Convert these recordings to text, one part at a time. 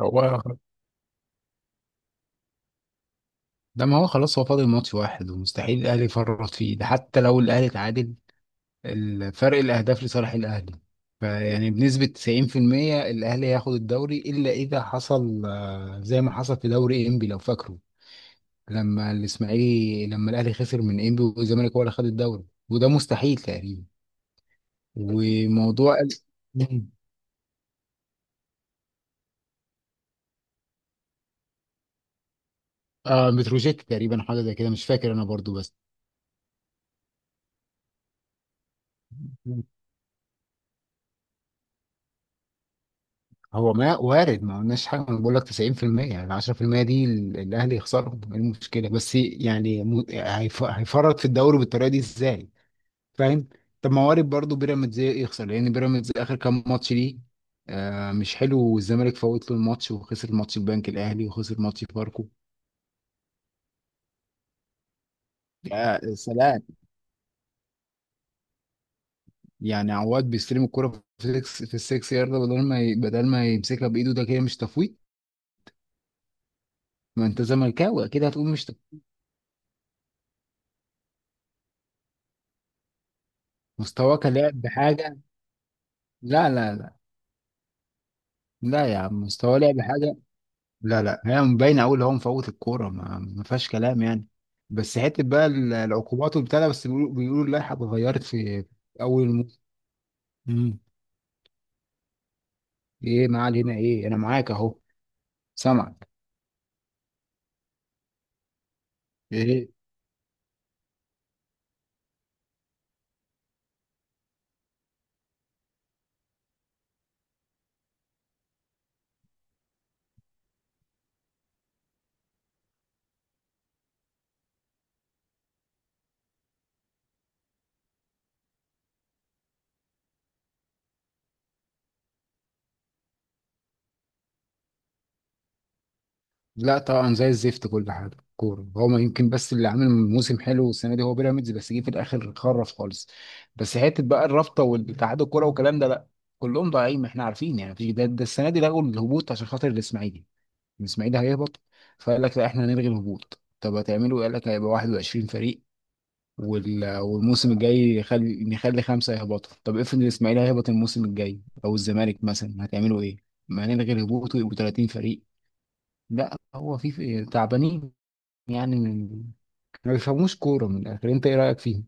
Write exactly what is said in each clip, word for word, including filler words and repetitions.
هو ده ما هو خلاص هو فاضل ماتش واحد ومستحيل الاهلي يفرط فيه، ده حتى لو الاهلي اتعادل الفرق الاهداف لصالح الاهلي. فيعني بنسبة تسعين بالمية الاهلي هياخد الدوري الا اذا حصل آه، زي ما حصل في دوري انبي لو فاكره، لما الاسماعيلي، لما الاهلي خسر من انبي والزمالك هو اللي خد الدوري، وده مستحيل تقريبا. وموضوع ال- مم. اه متروجيت تقريبا حاجة زي كده، مش فاكر انا برضو. بس هو ما وارد، ما قلناش حاجه، انا بقول لك تسعين بالمية، يعني عشرة بالمية دي ال- الاهلي يخسرهم، ايه المشكله؟ بس يعني م- هيف- هيفرط في الدوري بالطريقه دي ازاي؟ فاهم؟ طب ما وارد برضه بيراميدز يخسر، لان بيراميدز اخر كام ماتش ليه آه مش حلو، والزمالك فوت له الماتش وخسر ماتش البنك، الاهلي وخسر ماتش فاركو. يا سلام. يعني عواد بيستلم الكرة في السكس، في السكس يارده، بدل ما ي- بدل ما يمسكها بايده، ده كده مش تفويت؟ ما انت زملكاوي اكيد هتقول مش تفويت. مستواك لاعب بحاجه. لا لا لا، لا يا عم، مستواه لعب حاجه. لا لا، هي باينه قوي اللي هو مفوت الكوره، ما, ما فيهاش كلام يعني. بس حته بقى ال- العقوبات وبتاع ده، بس بيقولوا، بيقولوا اللائحه اتغيرت في في اول الموسم. مم. ايه معال هنا ايه، انا معاك اهو، سامعك. ايه. لا طبعا زي الزفت كل حاجه، كوره هو ما يمكن بس اللي عامل موسم حلو السنه دي هو بيراميدز، بس جه في الاخر خرف خالص. بس حته بقى الرابطه والاتحاد الكوره والكلام ده لا، كلهم ضايعين، ما احنا عارفين يعني. مفيش- ده, ده السنه دي لغوا الهبوط عشان خاطر الاسماعيلي، الاسماعيلي هيهبط. فقال لك لا احنا هنلغي الهبوط. طب هتعملوا ايه؟ قال لك هيبقى 21 فريق، وال- والموسم الجاي يخلي نخلي خمسه يهبطوا. طب افرض الاسماعيلي هيهبط الموسم الجاي او الزمالك مثلا، هتعملوا ايه؟ ما هنلغي الهبوط ويبقوا 30 فريق؟ لا هو في في- تعبانين يعني. من- ما بيفهموش كوره من الاخر، انت ايه رايك فيهم؟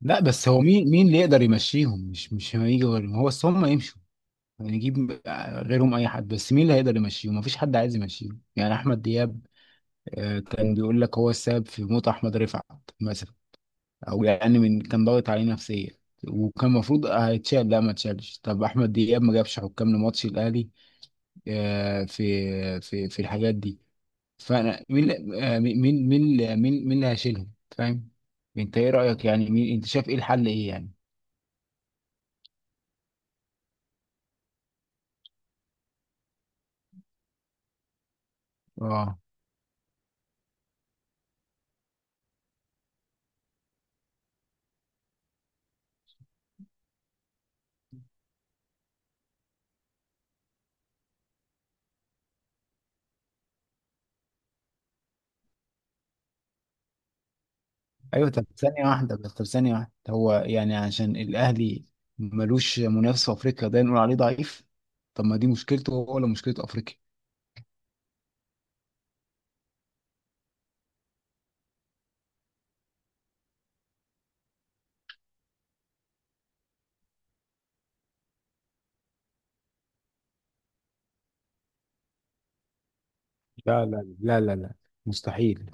لا بس هو مين، مين اللي يقدر يمشيهم؟ مش مش هيجي غيرهم، هو بس هم يمشوا، نجيب غيرهم اي حد، بس مين اللي هيقدر يمشيهم؟ مفيش حد عايز يمشيهم، يعني احمد دياب آه، كان بيقول لك هو السبب في موت احمد رفعت مثلا، او يعني من كان ضاغط عليه نفسيا، وكان المفروض هيتشال، لا ما اتشالش. طب احمد دياب ما جابش حكام لماتش الاهلي، آه، في في في الحاجات دي. فانا مين اللي- آه، مين مين مين مين مين اللي هيشيلهم؟ فاهم؟ انت ايه رايك؟ يعني مين؟ انت شايف ايه الحل؟ ايه يعني؟ اه. ايوه طب ثانيه واحده بس، طب ثانيه واحده، هو يعني عشان الاهلي ملوش منافس في افريقيا ده نقول عليه ضعيف؟ طب ما دي مشكلته هو ولا مشكله افريقيا؟ لا لا لا لا لا، مستحيل.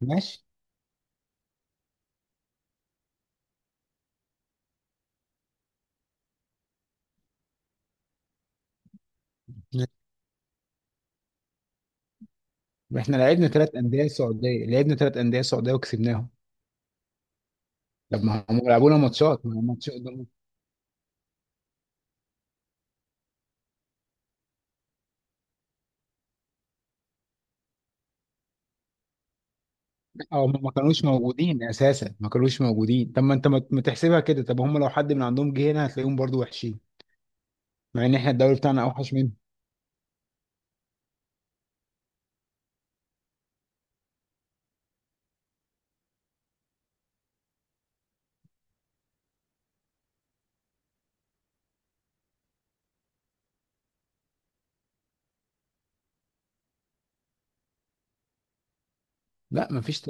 ماشي. ماشي. احنا لعبنا ثلاث انديه سعوديه، لعبنا ثلاث انديه سعوديه وكسبناهم. طب ما هم لعبونا ماتشات، ما هم ماتشات، او هم ما كانوش موجودين اساسا، ما كانوش موجودين. طب ما انت ما ما تحسبها كده، طب هم لو حد من عندهم جه هنا هتلاقيهم برضو وحشين، مع ان احنا الدوري بتاعنا اوحش منهم. لا ما فيش.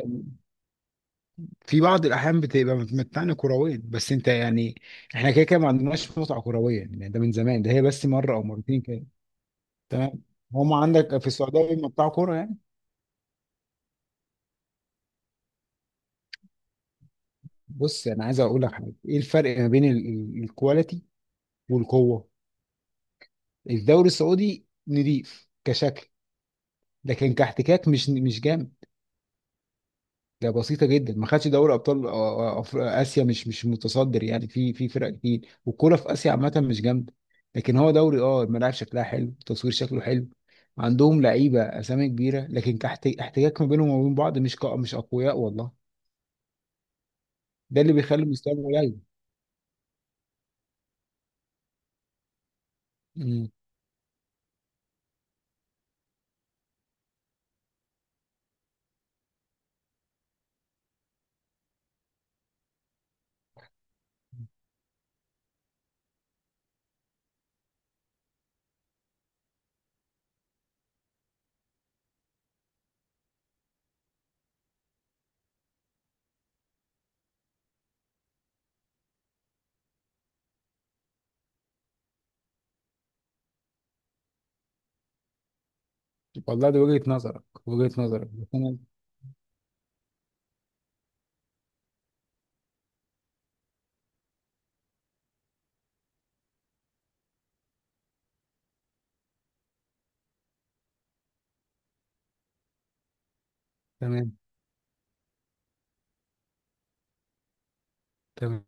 في بعض الاحيان بتبقى متمتعني كرويا، بس انت يعني احنا كده كده ما عندناش متعه كرويه يعني، ده من زمان ده، هي بس مره او مرتين كده. تمام. هم عندك في السعوديه بيمتعوا كوره يعني. بص انا عايز اقول لك حاجه، ايه الفرق ما بين ال- ال- الكواليتي والقوه؟ الدوري السعودي نضيف كشكل، لكن كاحتكاك مش مش جامد، ده بسيطه جدا، ما خدش دوري ابطال آه، أف- اسيا، مش مش متصدر يعني، في في فرق كتير، والكوره في اسيا عامه مش جامده. لكن هو دوري اه الملاعب شكلها حلو، التصوير شكله حلو، عندهم لعيبه اسامي كبيره، لكن كاحتكاك ما بينهم وبين بعض مش ق- مش اقوياء والله، ده اللي بيخلي مستواهم قليل. مم. والله دي وجهه نظرك، وجهه نظرك، بس أنا. تمام. تمام.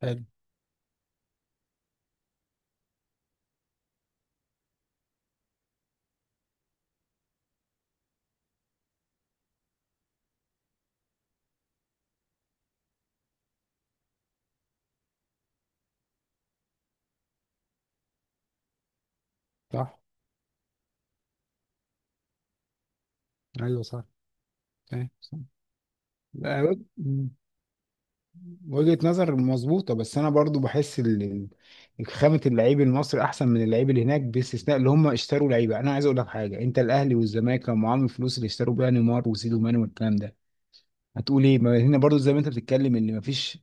حلو. صح. ايوه صح. صحيح، صح. لا، وج- مم. وجهة نظر مظبوطة، بس أنا برضو بحس ال- ال- خامة اللعيب المصري أحسن من اللعيب اللي هناك، باستثناء اللي هم اشتروا لعيبة. أنا عايز أقول لك حاجة، أنت الأهلي والزمالك لما معاهم الفلوس اللي اشتروا بيها نيمار وسيدو ماني والكلام ده هتقول إيه؟ ما هنا برضو زي ما أنت بتتكلم إن مفيش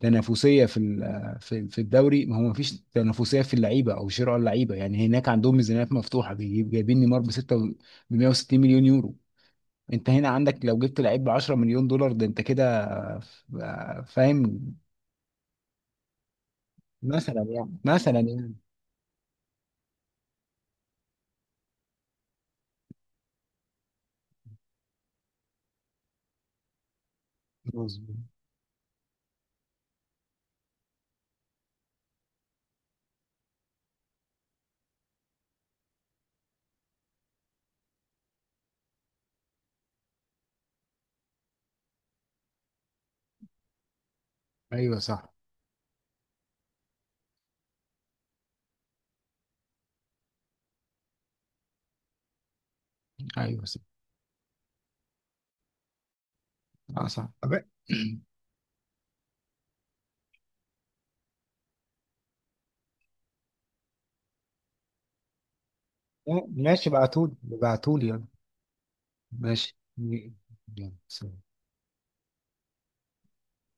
تنافسية في ال- في في الدوري، ما هو مفيش تنافسية في اللعيبة أو شراء اللعيبة، يعني هناك عندهم ميزانيات مفتوحة، بيجيب جايبين نيمار ب ستة ب 160 مليون يورو، انت هنا عندك لو جبت لعيب ب 10 مليون دولار ده انت كده. ف- فاهم؟ مثلا يعني، مثلا يعني. مظبوط. ايوه صح. ايوه صح. اه صح. طب ماشي، ابعتولي، ابعتولي يلا. ماشي. يلا، سلام.